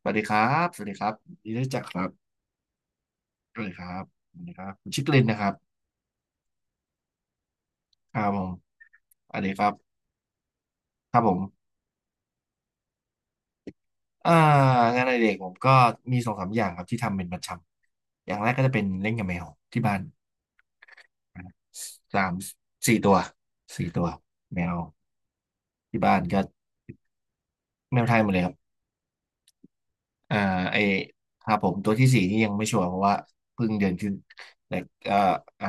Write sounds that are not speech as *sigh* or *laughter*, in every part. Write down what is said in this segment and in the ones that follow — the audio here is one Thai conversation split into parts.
สวัสดีครับสวัสดีครับยินดีได้จักครับสวัสดีครับสวัสดีครับผมชื่อกลินนะครับครับผมสวัสดีครับครับผมอ่างานอดิเรกผมก็มีสองสามอย่างครับที่ทำเป็นประจำอย่างแรกก็จะเป็นเล่นกับแมวที่บ้านนะครับสามสี่ตัวสี่ตัวแมวที่บ้านก็แมวไทยหมดเลยครับอ่าไอครับผมตัวที่สี่นี่ยังไม่ชัวร์เพราะว่าเพิ่งเดือนขึ้นแต่ก็อ่า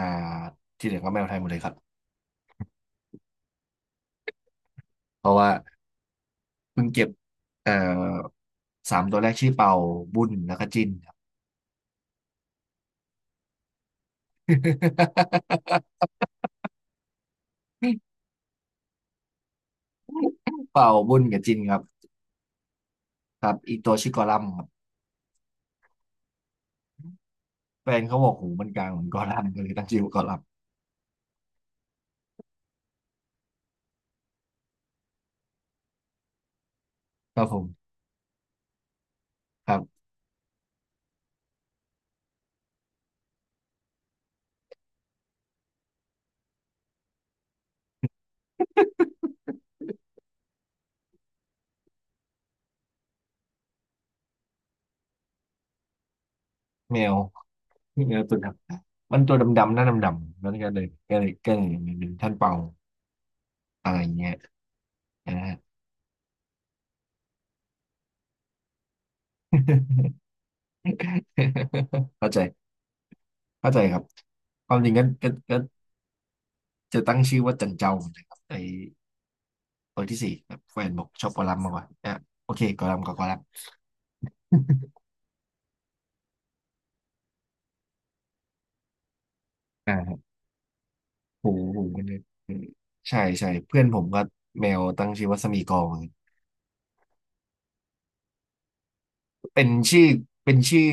ที่เหลือก็แมวไทยหมดเลยครับเพราะว่า เพิ่งเก็บเอ่อสามตัวแรกชื่อเป่าบุญแล้วก็จินครับ *laughs* เป่าบุญกับจินครับครับอีกตัวชื่อกอลัมครับแฟนเขาบอกหูมันกลางเหมือนกอลัมก็เลยตั้งชื่อว่ากอลัมครับผมครับแมวแมวตัวดำมันตัวดำๆหน้าดำๆแล้วก็เลยก็เลยเป็นท่านเป่าอะไรอย่างเงี้ยนะฮะ *laughs* เข้าใจเข้าใจครับความจริงก็จะตั้งชื่อว่าจันเจ้าเหมือนกันครับไอ เปิดที่สี่แบบแฟนบอกชอบกอลัมน์มากกว่าอ่ะโอเคกอลัมน์กับก *laughs* อลัมน์ *laughs* อ่าครับโหูหูมันเลยเอืใช่ใช่เพื่อนผมก็แมวตั้งชื่อว่าสมีกอร์เหมือนกันเป็นชื่อเป็นชื่อ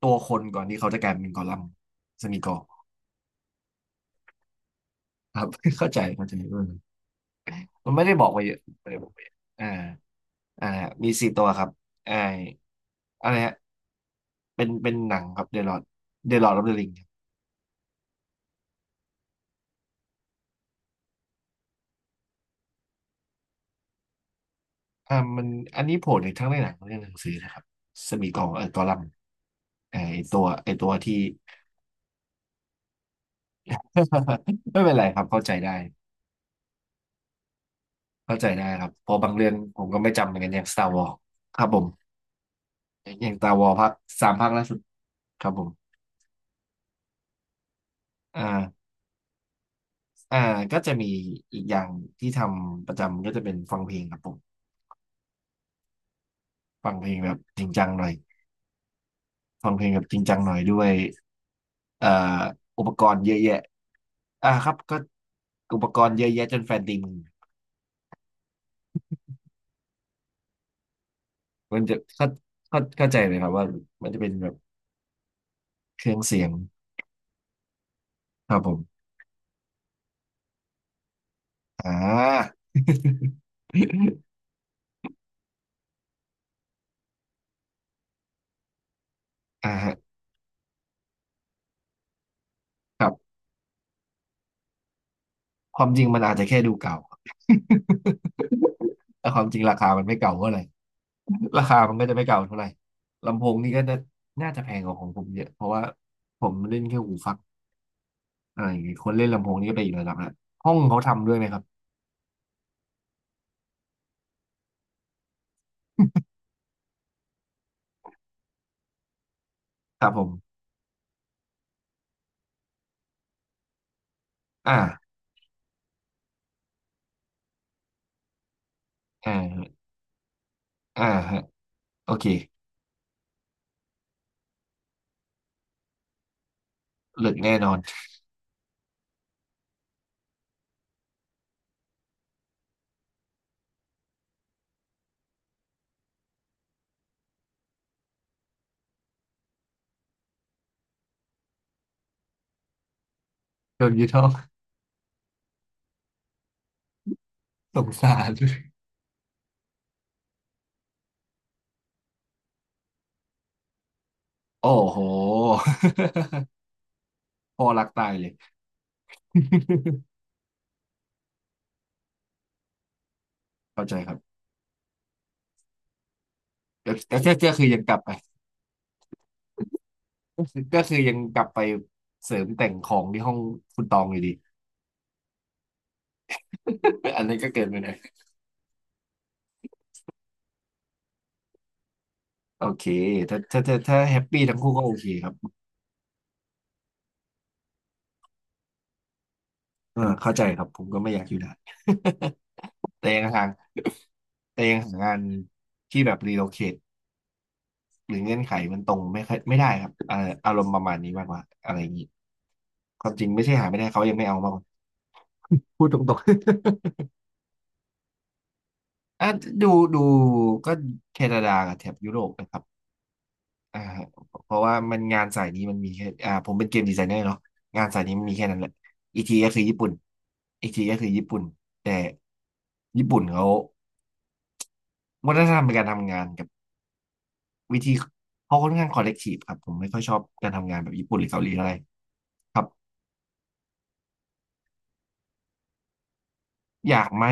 ตัวคนก่อนที่เขาจะกลายเป็นกอลัมน์สมีกอร์ครับ *laughs* เข้าใจเข้าใจเออมันไม่ได้บอกไปเยอะไม่ได้บอกไปเยอะอ่าอ่ามีสี่ตัวครับไออะไรฮะเป็นหนังครับเดลอดเดลอ d ์ออฟเดอะริง อ่ามันอันนี้โผล่ในทั้งในหนังและในหนังสือนะครับสมีกองเออกอลัมน์ไอตัวที่ *laughs* ไม่เป็นไรครับเข้าใจได้เข้าใจได้ครับเพราะบางเรื่องผมก็ไม่จำเหมือนกันอย่าง Star Wars ครับผมอย่าง Star Wars ภาคสามภาคล่าสุดครับผมอ่าอ่าก็จะมีอีกอย่างที่ทำประจำก็จะเป็นฟังเพลงครับผมฟังเพลงแบบจริงจังหน่อยฟังเพลงแบบจริงจังหน่อยด้วยเอ่ออุปกรณ์เยอะแยะอ่าครับก็อุปกรณ์เยอะแยะจนแฟนตีมึง มันจะเข้าเข้าใจเลยครับว่ามันจะเป็นแบบเครื่องเสียงครับผมอ่า *laughs* อ่าฮะครับความจริงมันอาจจะแค่ดูเก่า *laughs* แต่ความจริงราคามันไม่เก่าเท่าไหร่ราคามันก็จะไม่เก่าเท่าไหร่ลำโพงนี่ก็น่าน่าจะแพงกว่าของผมเยอะเพราะว่าผมเล่นแค่หูฟังอะไรอย่างงี้คนเล่นลำโพงนี่ก็ไปอีกระดับละห้องเขาทำด้วยไหมครับครับผมอ่าอ่าฮะอ่าฮะโอเคเลิกแน่นอนโดนยึดห้องสงสารโอ้โห พ่อรักตายเลย *laughs* เข้าใจครับแต่แค่ก็คือยังกลับไป *laughs* ก็คือยังกลับไปเสริมแต่งของที่ห้องคุณตองอยู่ดี *laughs* อันนี้นก็เกินไปหน่อยโอเคถ้าแฮปปี้ทั้งคู่ก็โอเคครับเออเข้าใจครับผมก็ไม่อยากอยู่นาน *laughs* แต่ยังหางแต่ยังหางานที่แบบรีโลเคทหรือเงื่อนไขมันตรงไม่ค่อยไม่ได้ครับอารมณ์ประมาณนี้มากกว่าอะไรอย่างนี้ความจริงไม่ใช่หาไม่ได้เขายังไม่เอามากกว่าพูดตรงๆ อ่ะดูดูก็แคนาดากับแถบยุโรปนะครับอ่าเพราะว่ามันงานสายนี้มันมีแค่อ่าผมเป็นเกมดีไซเนอร์เนาะงานสายนี้มันมีแค่นั้นแหละอีกทีก็คือญี่ปุ่นอีกทีก็คือญี่ปุ่นแต่ญี่ปุ่นเขาวัฒนธรรมในการทำงานกับวิธีเขาค่อนข้างคอลเลกทีฟครับผมไม่ค่อยชอบการทำงานแบบญี่ปุ่นหรือเกาหลีเท่าไหร่ครับอยากไหม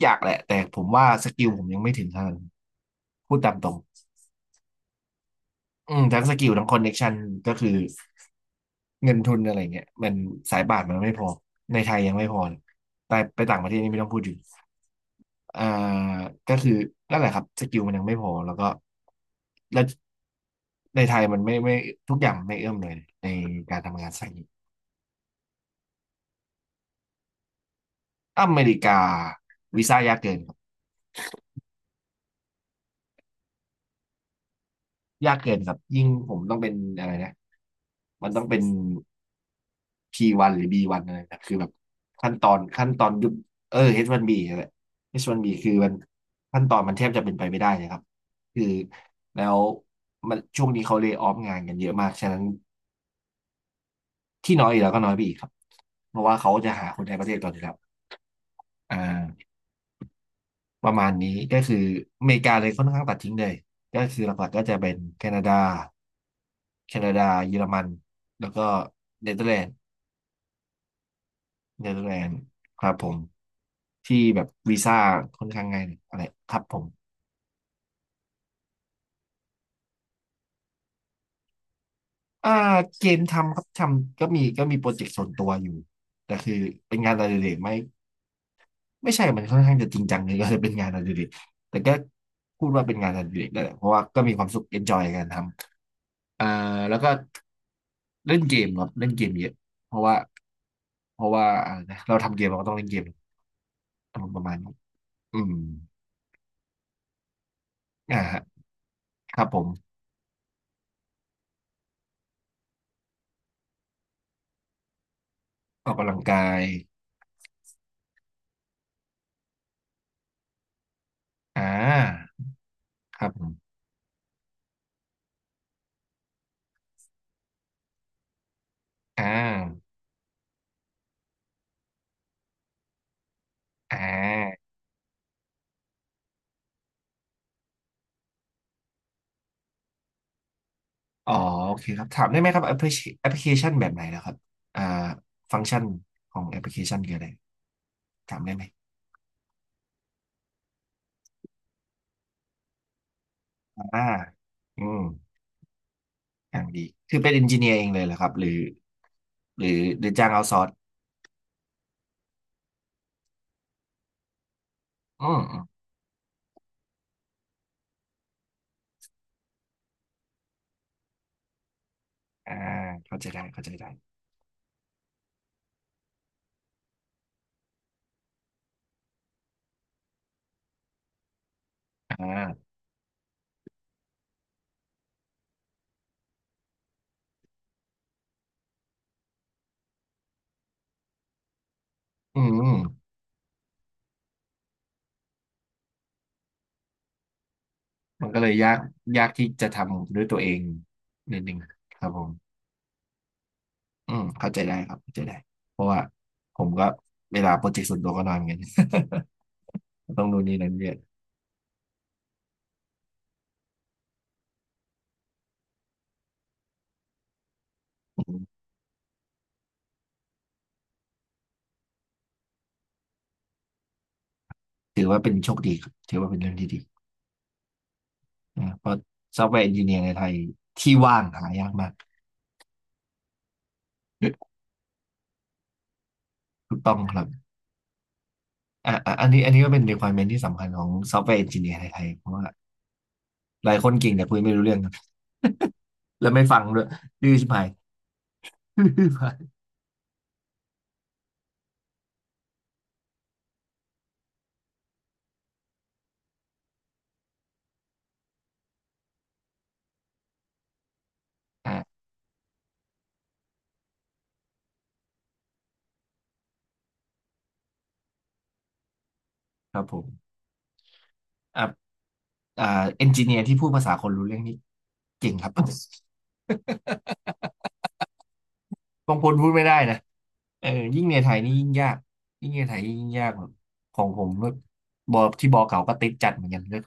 อยากแหละแต่ผมว่าสกิลผมยังไม่ถึงขนาดนั้นพูดตามตรง อืมทั้งสกิลทั้งคอนเน็กชันก็คือเงินทุนอะไรเงี้ยมันสายป่านมันไม่พอในไทยยังไม่พอเลยไปต่างประเทศนี่ไม่ต้องพูดถึงอ่าก็คือนั่นแหละครับสกิลมันยังไม่พอแล้วก็แล้วในไทยมันไม่ทุกอย่างไม่เอื้อมเลยในการทำงานสายนี้อเมริกาวีซ่ายากเกินครับยากเกินครับยิ่งผมต้องเป็นอะไรนะมันต้องเป็น P1 หรือ B1 อะไรนะคือแบบขั้นตอนยุบเออ H1B นบีนั่นแหละ H1B คือมันขั้นตอนมันแทบจะเป็นไปไม่ได้นะครับคือแล้วมันช่วงนี้เขาเล y o ออฟงานกันเยอะมากฉะนั้นที่น้อยอีกแล้วก็น้อยไปอีกครับเพราะว่าเขาจะหาคนในประเทศก่อนอยู่แล้วอ่าประมาณนี้ก็คืออเมริกาเลยค่อนข้างตัดทิ้งเลยก็คือหลักๆก็จะเป็นแคนาดาเยอรมันแล้วก็เนเธอร์แลนด์ เนเธอร์แลนด์ครับผมที่แบบวีซ่าค่อนข้างง่ายหน่อยอะไรครับผมอ่าเกมทำครับทำก็มีโปรเจกต์ส่วนตัวอยู่แต่คือเป็นงานอดิเรกไหม่ไม่ใช่มันค่อนข้างจะจริงจังเลยก็เลยเป็นงานอดิเรกแต่ก็พูดว่าเป็นงานอดิเรกได้แหละเพราะว่าก็มีความสุขเอนจอยกันทำแล้วก็เล่นเกมครับเล่นเกมเยอะเพราะว่าเพราะว่านะเราทำเกมเราก็ต้องเล่นเกมอารมณ์ประมาณนี้อืมฮะครับผมออกกำลังกาย อ่าครับอมอ่าอ่าอ๋อโอเคครับถามได้ไหมครับแอปพลิเคชันแบบไหนแล้วครับอ่าฟังก์ชันของแอปพลิเคชันคืออะไรถามได้ไหมอ่าอืมอย่างดีคือเป็นเอนจิเนียร์เองเลยเหรอครับหรือหรือจ้างเอาซอร์สอืมอมอ่าเข้าใจได้อ่าอืมมันก็เลยยากที่จะทำด้วยตัวเองนิดนึงครับผม อืมเข้าใจได้ครับเข้าใจได้เพราะว่าผมก็เวลาโปรเจกต์ส่วนตัวก็น้อยเหมือนกัน *laughs* ต้องดูนนี่นั่นเยอะอืมถือว่าเป็นโชคดีครับถือว่าเป็นเรื่องที่ดีนะเพราะซอฟต์แวร์เอนจิเนียร์ในไทยที่ว่างหายากมากถูกต้องครับอ่ะอันนี้ก็เป็น requirement ที่สำคัญของซอฟต์แวร์เอนจิเนียร์ในไทยเพราะว่าหลายคนเก่งแต่คุยไม่รู้เรื่องครับ *laughs* แล้วไม่ฟังด้วยดื้อชิบหาย *laughs* ดื้อชิบหายอ่ะครับผมอ่ะอ่าเอนจิเนียร์ที่พูดภาษาคนรู้เรื่องนี่เก่งครับ *laughs* บางคนพูดไม่ได้นะเออยิ่งในไทยนี่ยิ่งยากยิ่งในไทยยิ่งยากแบบของผมแบบบอที่บอเก่าก็ติดจัดเหมือนกันก็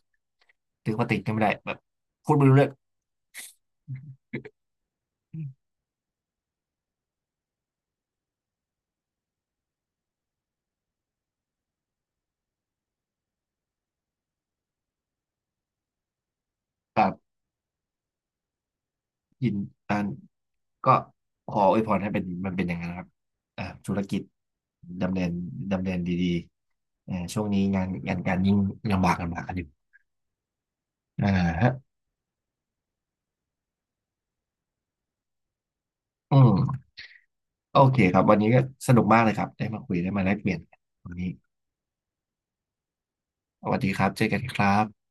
ถือว่าติดกันไม่ได้แบบพูดไม่รู้เรื่องแบบยินอันก็ขออวยพรให้เป็นมันเป็นอย่างนั้นนะครับธุรกิจดำเนินดีๆช่วงนี้งานการยิ่งลำบากกันอยู่อ่าฮะอืมโอเคครับวันนี้ก็สนุกมากเลยครับได้มาคุยได้มาแลกเปลี่ยนกันวันนี้สวัสดีครับเจอกันครับ